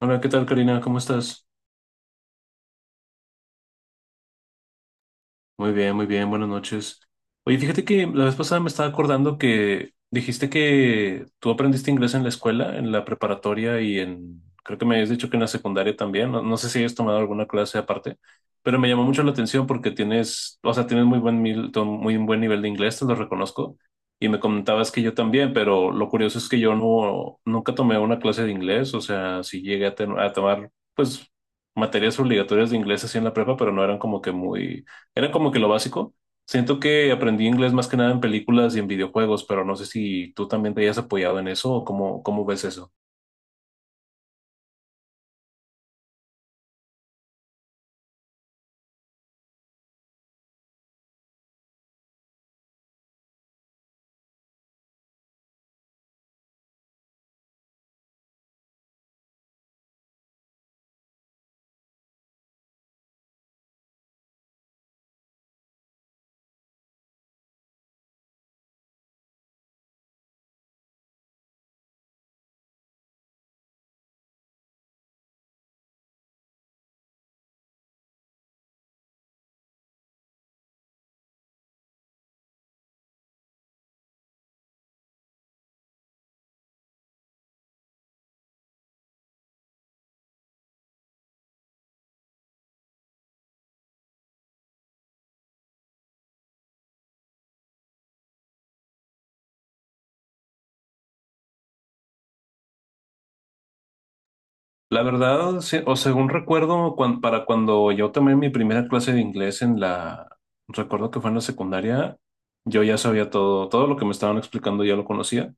Hola, ¿qué tal, Karina? ¿Cómo estás? Muy bien, buenas noches. Oye, fíjate que la vez pasada me estaba acordando que dijiste que tú aprendiste inglés en la escuela, en la preparatoria y en, creo que me habías dicho que en la secundaria también, no, no sé si hayas tomado alguna clase aparte, pero me llamó mucho la atención porque tienes, o sea, tienes muy buen, muy buen nivel de inglés, te lo reconozco, y me comentabas que yo también, pero lo curioso es que yo no, nunca tomé una clase de inglés, o sea, sí llegué a, a tomar, pues, materias obligatorias de inglés así en la prepa, pero no eran como que muy, era como que lo básico. Siento que aprendí inglés más que nada en películas y en videojuegos, pero no sé si tú también te hayas apoyado en eso o cómo, cómo ves eso. La verdad, sí, o según recuerdo, para cuando yo tomé mi primera clase de inglés en la, recuerdo que fue en la secundaria, yo ya sabía todo, todo lo que me estaban explicando ya lo conocía.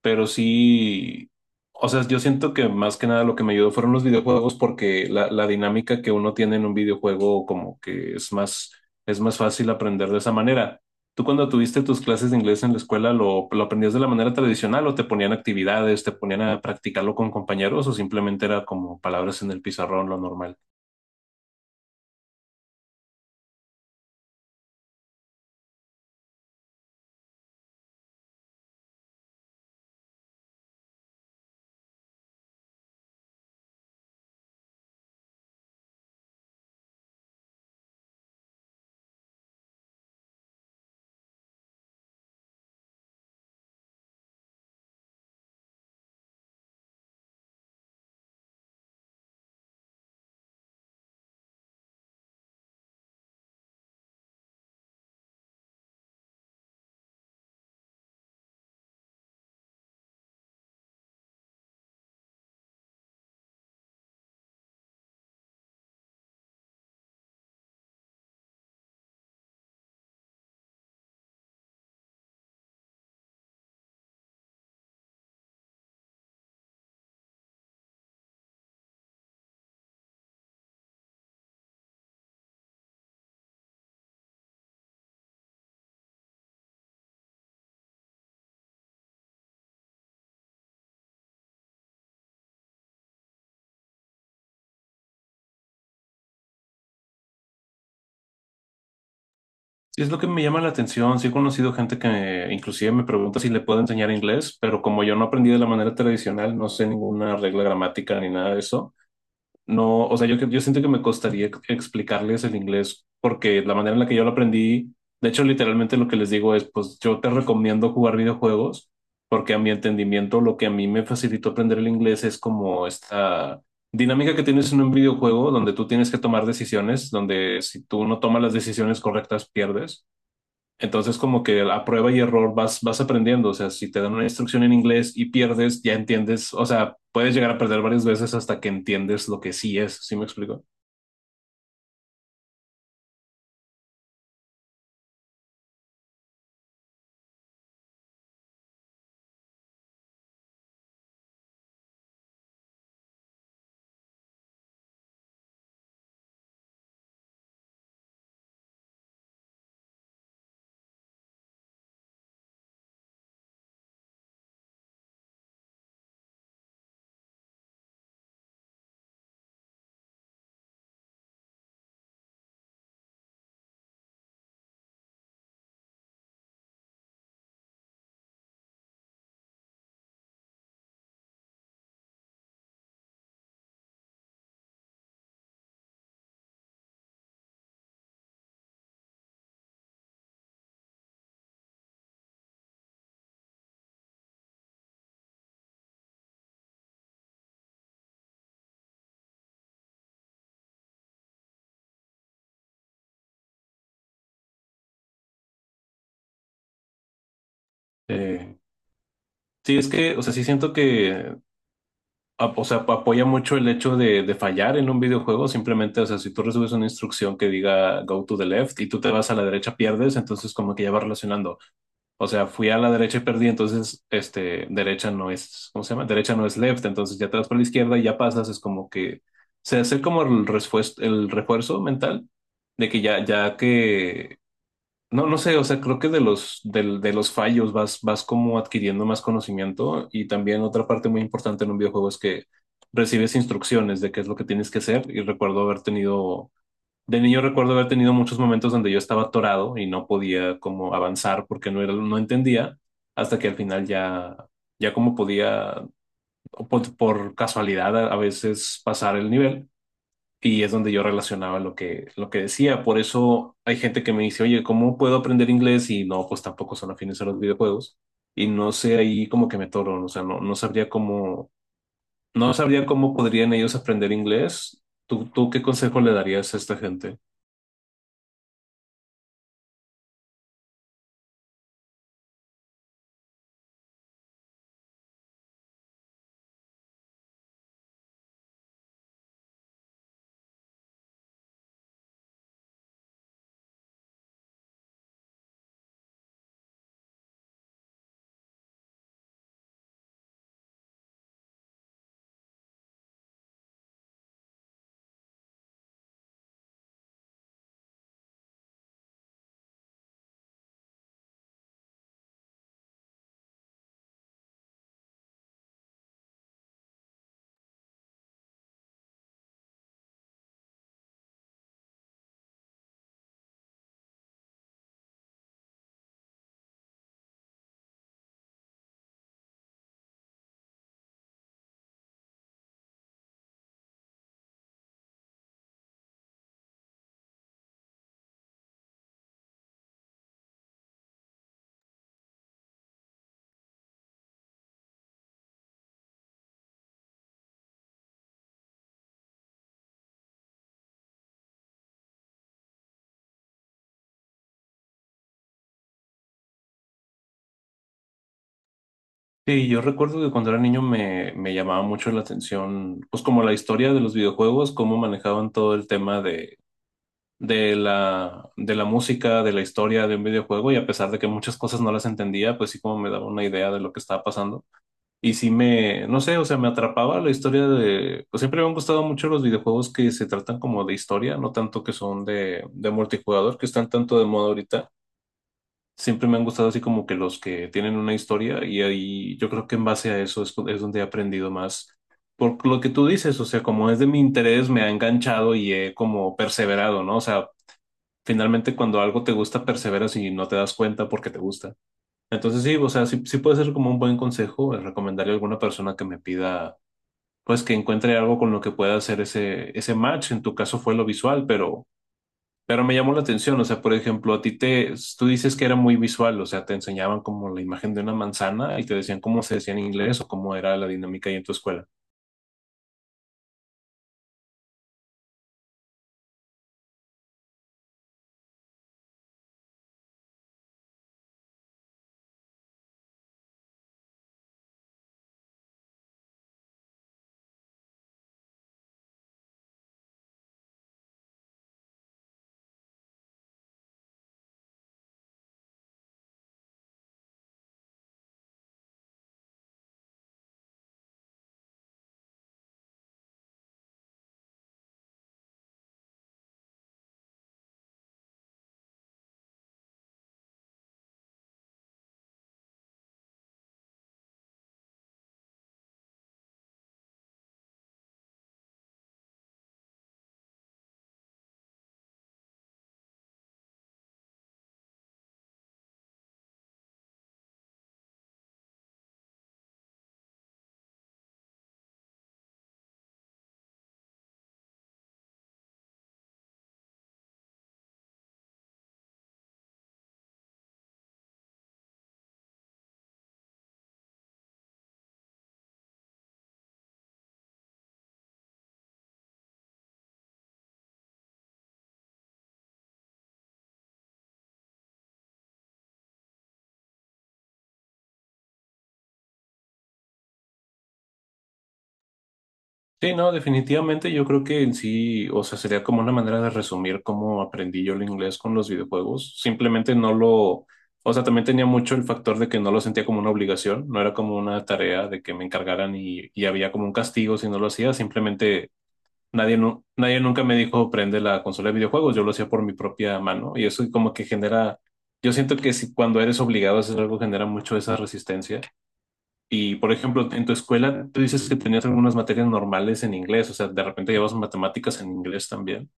Pero sí, o sea, yo siento que más que nada lo que me ayudó fueron los videojuegos porque la dinámica que uno tiene en un videojuego como que es más fácil aprender de esa manera. ¿Tú cuando tuviste tus clases de inglés en la escuela lo aprendías de la manera tradicional o te ponían actividades, te ponían a practicarlo con compañeros o simplemente era como palabras en el pizarrón, lo normal? Sí, es lo que me llama la atención. Sí he conocido gente que inclusive me pregunta si le puedo enseñar inglés, pero como yo no aprendí de la manera tradicional, no sé ninguna regla gramática ni nada de eso, no, o sea, yo siento que me costaría explicarles el inglés porque la manera en la que yo lo aprendí, de hecho, literalmente lo que les digo es, pues yo te recomiendo jugar videojuegos porque a mi entendimiento lo que a mí me facilitó aprender el inglés es como esta dinámica que tienes en un videojuego donde tú tienes que tomar decisiones, donde si tú no tomas las decisiones correctas, pierdes. Entonces, como que a prueba y error vas, vas aprendiendo. O sea, si te dan una instrucción en inglés y pierdes, ya entiendes. O sea, puedes llegar a perder varias veces hasta que entiendes lo que sí es. ¿Sí me explico? Eh, sí, es que, o sea, sí siento que o sea, apoya mucho el hecho de fallar en un videojuego. Simplemente, o sea, si tú recibes una instrucción que diga go to the left y tú te vas a la derecha, pierdes, entonces como que ya va relacionando. O sea, fui a la derecha y perdí, entonces, este, derecha no es, ¿cómo se llama? Derecha no es left, entonces ya te vas por la izquierda y ya pasas, es como que se hace como el refuerzo mental de que ya, ya que no, no sé, o sea, creo que de los, los fallos vas, vas como adquiriendo más conocimiento y también otra parte muy importante en un videojuego es que recibes instrucciones de qué es lo que tienes que hacer y recuerdo haber tenido, de niño recuerdo haber tenido muchos momentos donde yo estaba atorado y no podía como avanzar porque no era, no entendía hasta que al final ya, ya como podía, o por casualidad a veces pasar el nivel y es donde yo relacionaba lo que decía. Por eso hay gente que me dice, oye, ¿cómo puedo aprender inglés? Y no, pues tampoco son afines a los videojuegos. Y no sé ahí como que me toro, o sea, no, no sabría cómo, no sabría cómo podrían ellos aprender inglés. ¿Tú qué consejo le darías a esta gente? Sí, yo recuerdo que cuando era niño me, me llamaba mucho la atención, pues como la historia de los videojuegos, cómo manejaban todo el tema de, de la música, de la historia de un videojuego y a pesar de que muchas cosas no las entendía, pues sí como me daba una idea de lo que estaba pasando. Y sí me, no sé, o sea, me atrapaba la historia de, pues siempre me han gustado mucho los videojuegos que se tratan como de historia, no tanto que son de multijugador, que están tanto de moda ahorita. Siempre me han gustado así como que los que tienen una historia y ahí yo creo que en base a eso es donde he aprendido más. Por lo que tú dices, o sea, como es de mi interés, me ha enganchado y he como perseverado, ¿no? O sea, finalmente cuando algo te gusta, perseveras y no te das cuenta porque te gusta. Entonces sí, o sea, sí, sí puede ser como un buen consejo el recomendarle a alguna persona que me pida, pues que encuentre algo con lo que pueda hacer ese, ese match. En tu caso fue lo visual, pero me llamó la atención. O sea, por ejemplo, a ti te, tú dices que era muy visual, o sea, te enseñaban como la imagen de una manzana y te decían cómo se decía en inglés o cómo era la dinámica ahí en tu escuela. Sí, no, definitivamente yo creo que en sí, o sea, sería como una manera de resumir cómo aprendí yo el inglés con los videojuegos. Simplemente no lo, o sea, también tenía mucho el factor de que no lo sentía como una obligación, no era como una tarea de que me encargaran y había como un castigo si no lo hacía. Simplemente nadie, nadie nunca me dijo prende la consola de videojuegos, yo lo hacía por mi propia mano y eso como que genera, yo siento que si cuando eres obligado a hacer algo genera mucho esa resistencia. Y, por ejemplo, en tu escuela, tú dices que tenías algunas materias normales en inglés, o sea, de repente llevas matemáticas en inglés también.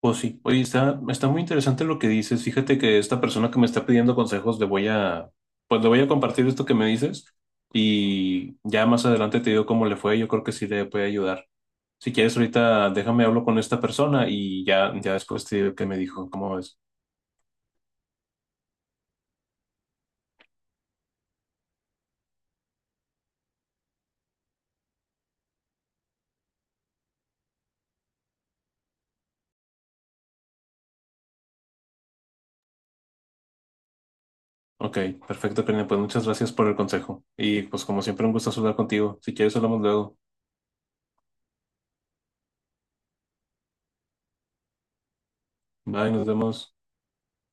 Pues sí, oye, está, está muy interesante lo que dices. Fíjate que esta persona que me está pidiendo consejos, le voy a, pues le voy a compartir esto que me dices y ya más adelante te digo cómo le fue. Yo creo que sí le puede ayudar. Si quieres, ahorita déjame hablo con esta persona y ya, ya después te digo qué me dijo, cómo ves. Ok, perfecto, Karina, pues muchas gracias por el consejo. Y pues como siempre, un gusto hablar contigo. Si quieres, hablamos luego. Bye, nos vemos.